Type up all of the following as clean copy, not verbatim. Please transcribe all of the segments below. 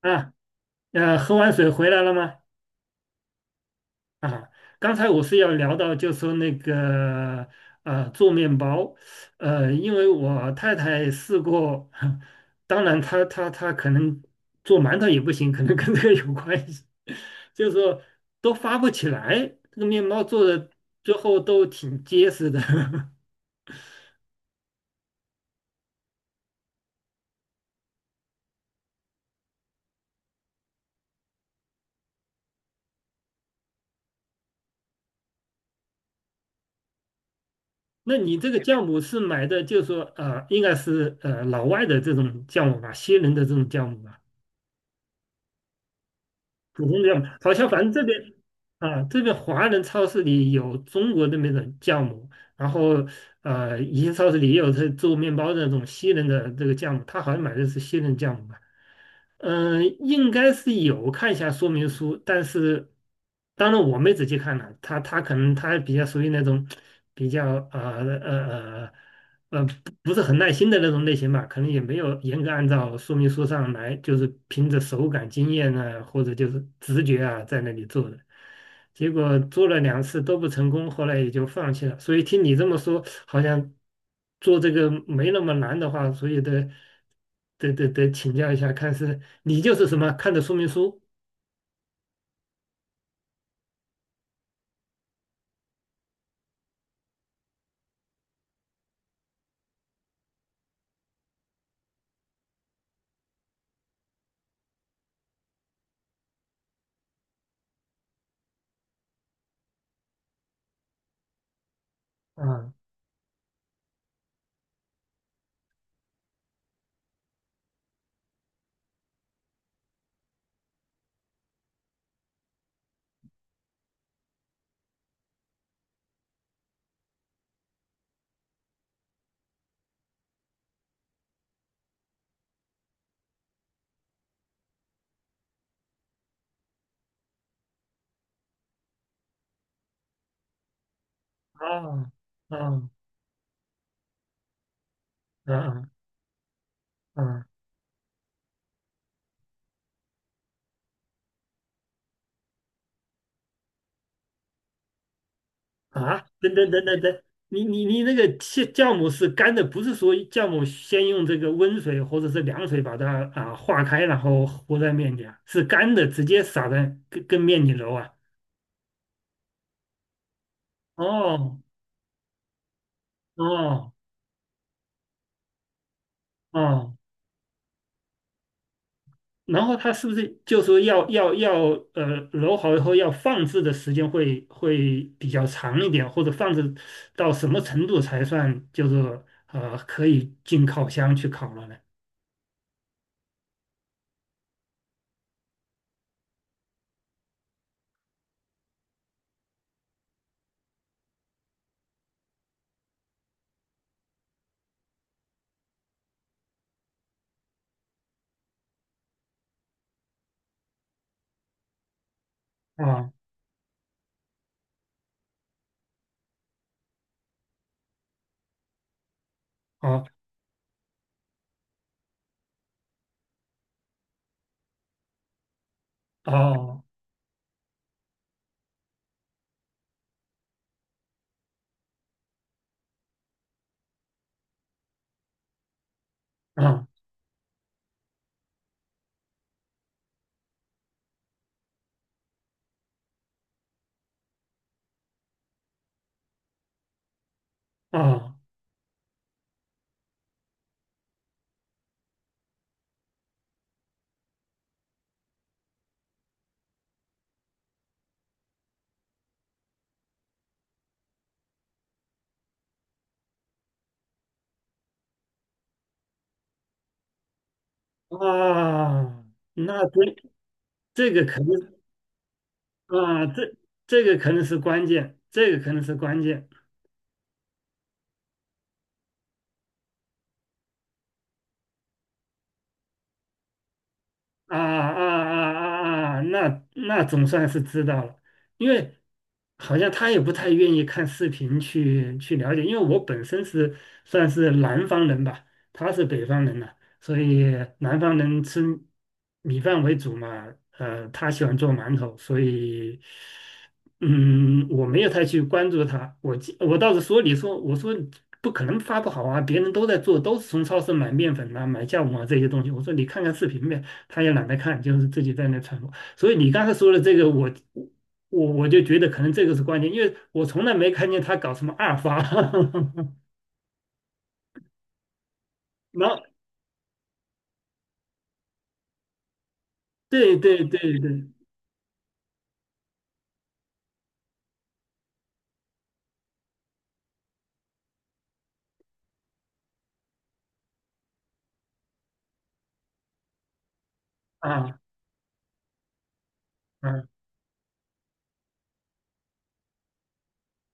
啊，喝完水回来了吗？啊，刚才我是要聊到，就说那个做面包。因为我太太试过，当然她可能做馒头也不行，可能跟这个有关系，就是说都发不起来，这个面包做的最后都挺结实的。那你这个酵母是买的，就是说应该是老外的这种酵母吧，西人的这种酵母吧？普通酵母，好像反正这边啊，这边华人超市里有中国的那种的酵母。然后一些超市里也有这做面包的那种西人的这个酵母，他好像买的是西人酵母吧。嗯，应该是有看一下说明书，但是当然我没仔细看了，他可能他比较属于那种比较呃呃呃呃不不是很耐心的那种类型吧，可能也没有严格按照说明书上来，就是凭着手感经验呢，或者就是直觉啊，在那里做的。结果做了两次都不成功，后来也就放弃了。所以听你这么说，好像做这个没那么难的话，所以得请教一下，看是你就是什么看的说明书。啊啊啊啊啊啊！等等等等等，你那个酵母是干的，不是说酵母先用这个温水或者是凉水把它啊化开，然后和在面里啊，是干的，直接撒在跟面里揉啊。哦哦哦，然后它是不是就说要呃揉好以后要放置的时间会比较长一点，或者放置到什么程度才算就是可以进烤箱去烤了呢？啊啊哦啊啊啊！那这个可能啊，这个可能是关键，这个可能是关键。啊啊啊啊啊！那总算是知道了。因为好像他也不太愿意看视频去了解，因为我本身是算是南方人吧，他是北方人呐，所以南方人吃米饭为主嘛。他喜欢做馒头，所以我没有太去关注他。我倒是说，你说我说不可能发不好啊，别人都在做，都是从超市买面粉啊，买酵母啊这些东西。我说你看看视频呗，他也懒得看，就是自己在那传播。所以你刚才说的这个，我就觉得可能这个是关键，因为我从来没看见他搞什么二发。然后，对对对对，啊啊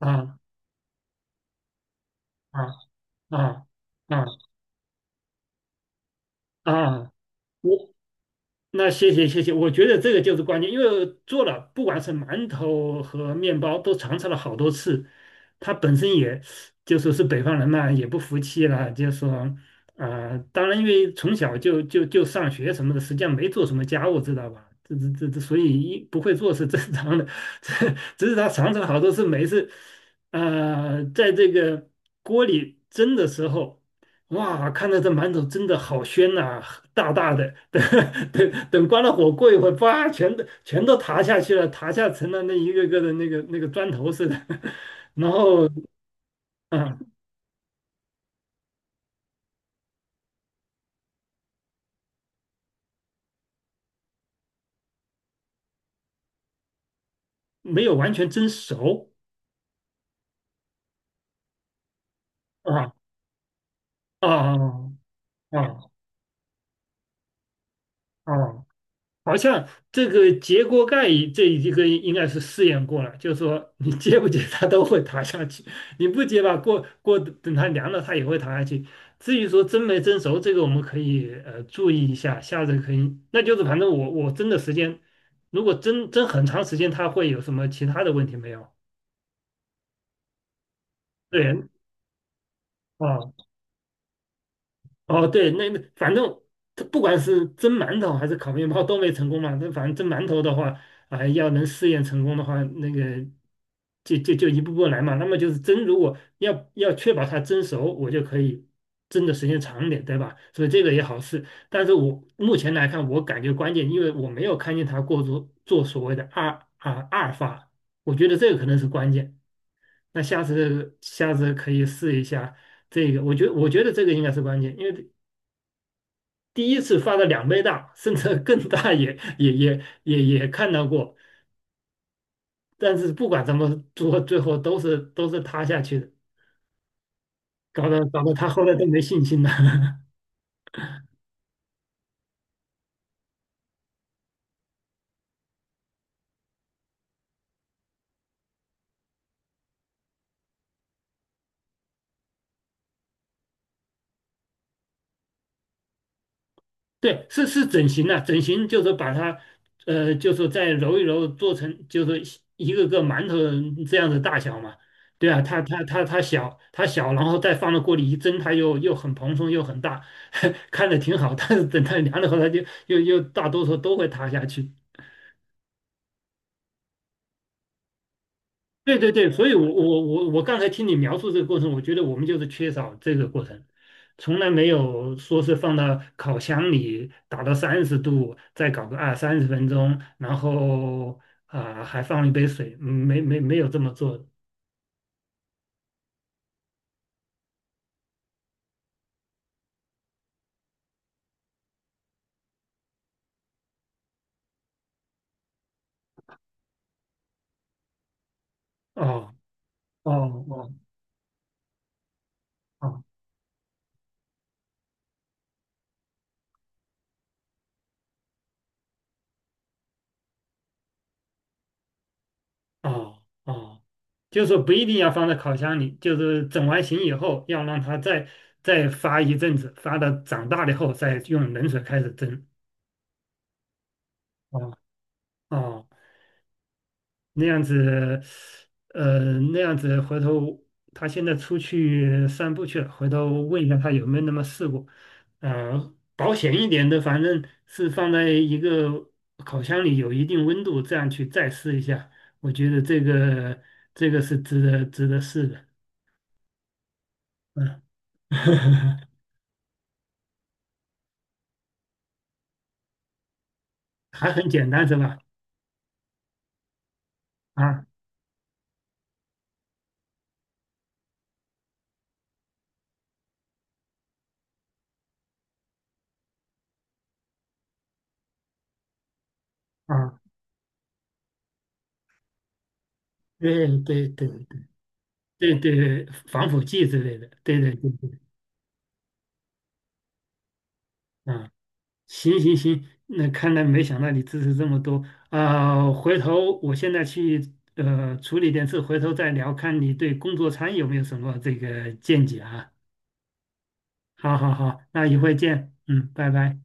啊啊啊啊！啊，我那谢谢谢谢，我觉得这个就是关键，因为做了不管是馒头和面包都尝试了好多次。他本身也就说是北方人嘛，也不服气了，就说当然因为从小就上学什么的，实际上没做什么家务，知道吧？这这这这，所以一不会做是正常的，这只是他尝试了好多次，每一次在这个锅里蒸的时候，哇，看着这馒头真的好鲜呐，大大的。等等等，关了火过一会儿，叭，全都塌下去了，塌下成了那一个个的那个砖头似的。然后啊，没有完全蒸熟。啊啊啊啊！啊，好像这个揭锅盖这一个应该是试验过了，就是说你揭不揭它都会塌下去，你不揭吧，过等它凉了它也会塌下去。至于说蒸没蒸熟，这个我们可以注意一下，下次可以。那就是反正我蒸的时间，如果蒸很长时间，它会有什么其他的问题没有？对。啊。哦，对，那反正它不管是蒸馒头还是烤面包都没成功嘛。那反正蒸馒头的话，啊，要能试验成功的话，那个就一步步来嘛。那么就是蒸，如果要确保它蒸熟，我就可以蒸的时间长一点，对吧？所以这个也好试。但是我目前来看，我感觉关键，因为我没有看见它过做所谓的二发，我觉得这个可能是关键。那下次可以试一下。这个我觉得这个应该是关键，因为第一次发的两倍大，甚至更大也看到过。但是不管怎么做，最后都是塌下去的，搞得他后来都没信心了。对，是整形了，整形就是把它，就是再揉一揉，做成就是一个个馒头这样的大小嘛。对啊，它小，它小，然后再放到锅里一蒸，它又很蓬松又很大，看着挺好。但是等它凉了后，它就又大多数都会塌下去。对对对，所以我刚才听你描述这个过程，我觉得我们就是缺少这个过程。从来没有说是放到烤箱里打到30度，再搞个二三十分钟，然后啊，还放一杯水，没有这么做的。哦哦哦哦哦哦，就是说不一定要放在烤箱里，就是整完形以后要让它再发一阵子，发到长大了以后再用冷水开始蒸。哦哦。那样子，那样子，回头他现在出去散步去了，回头问一下他有没有那么试过。保险一点的，反正是放在一个烤箱里有一定温度，这样去再试一下。我觉得这个是值得试的。嗯，还很简单是吧？啊啊，对对对对对，防腐剂之类的，对对对对，啊。行行行，那看来没想到你支持这么多啊。回头我现在去处理点事，回头再聊，看你对工作餐有没有什么这个见解啊。好好好，那一会见，嗯，拜拜。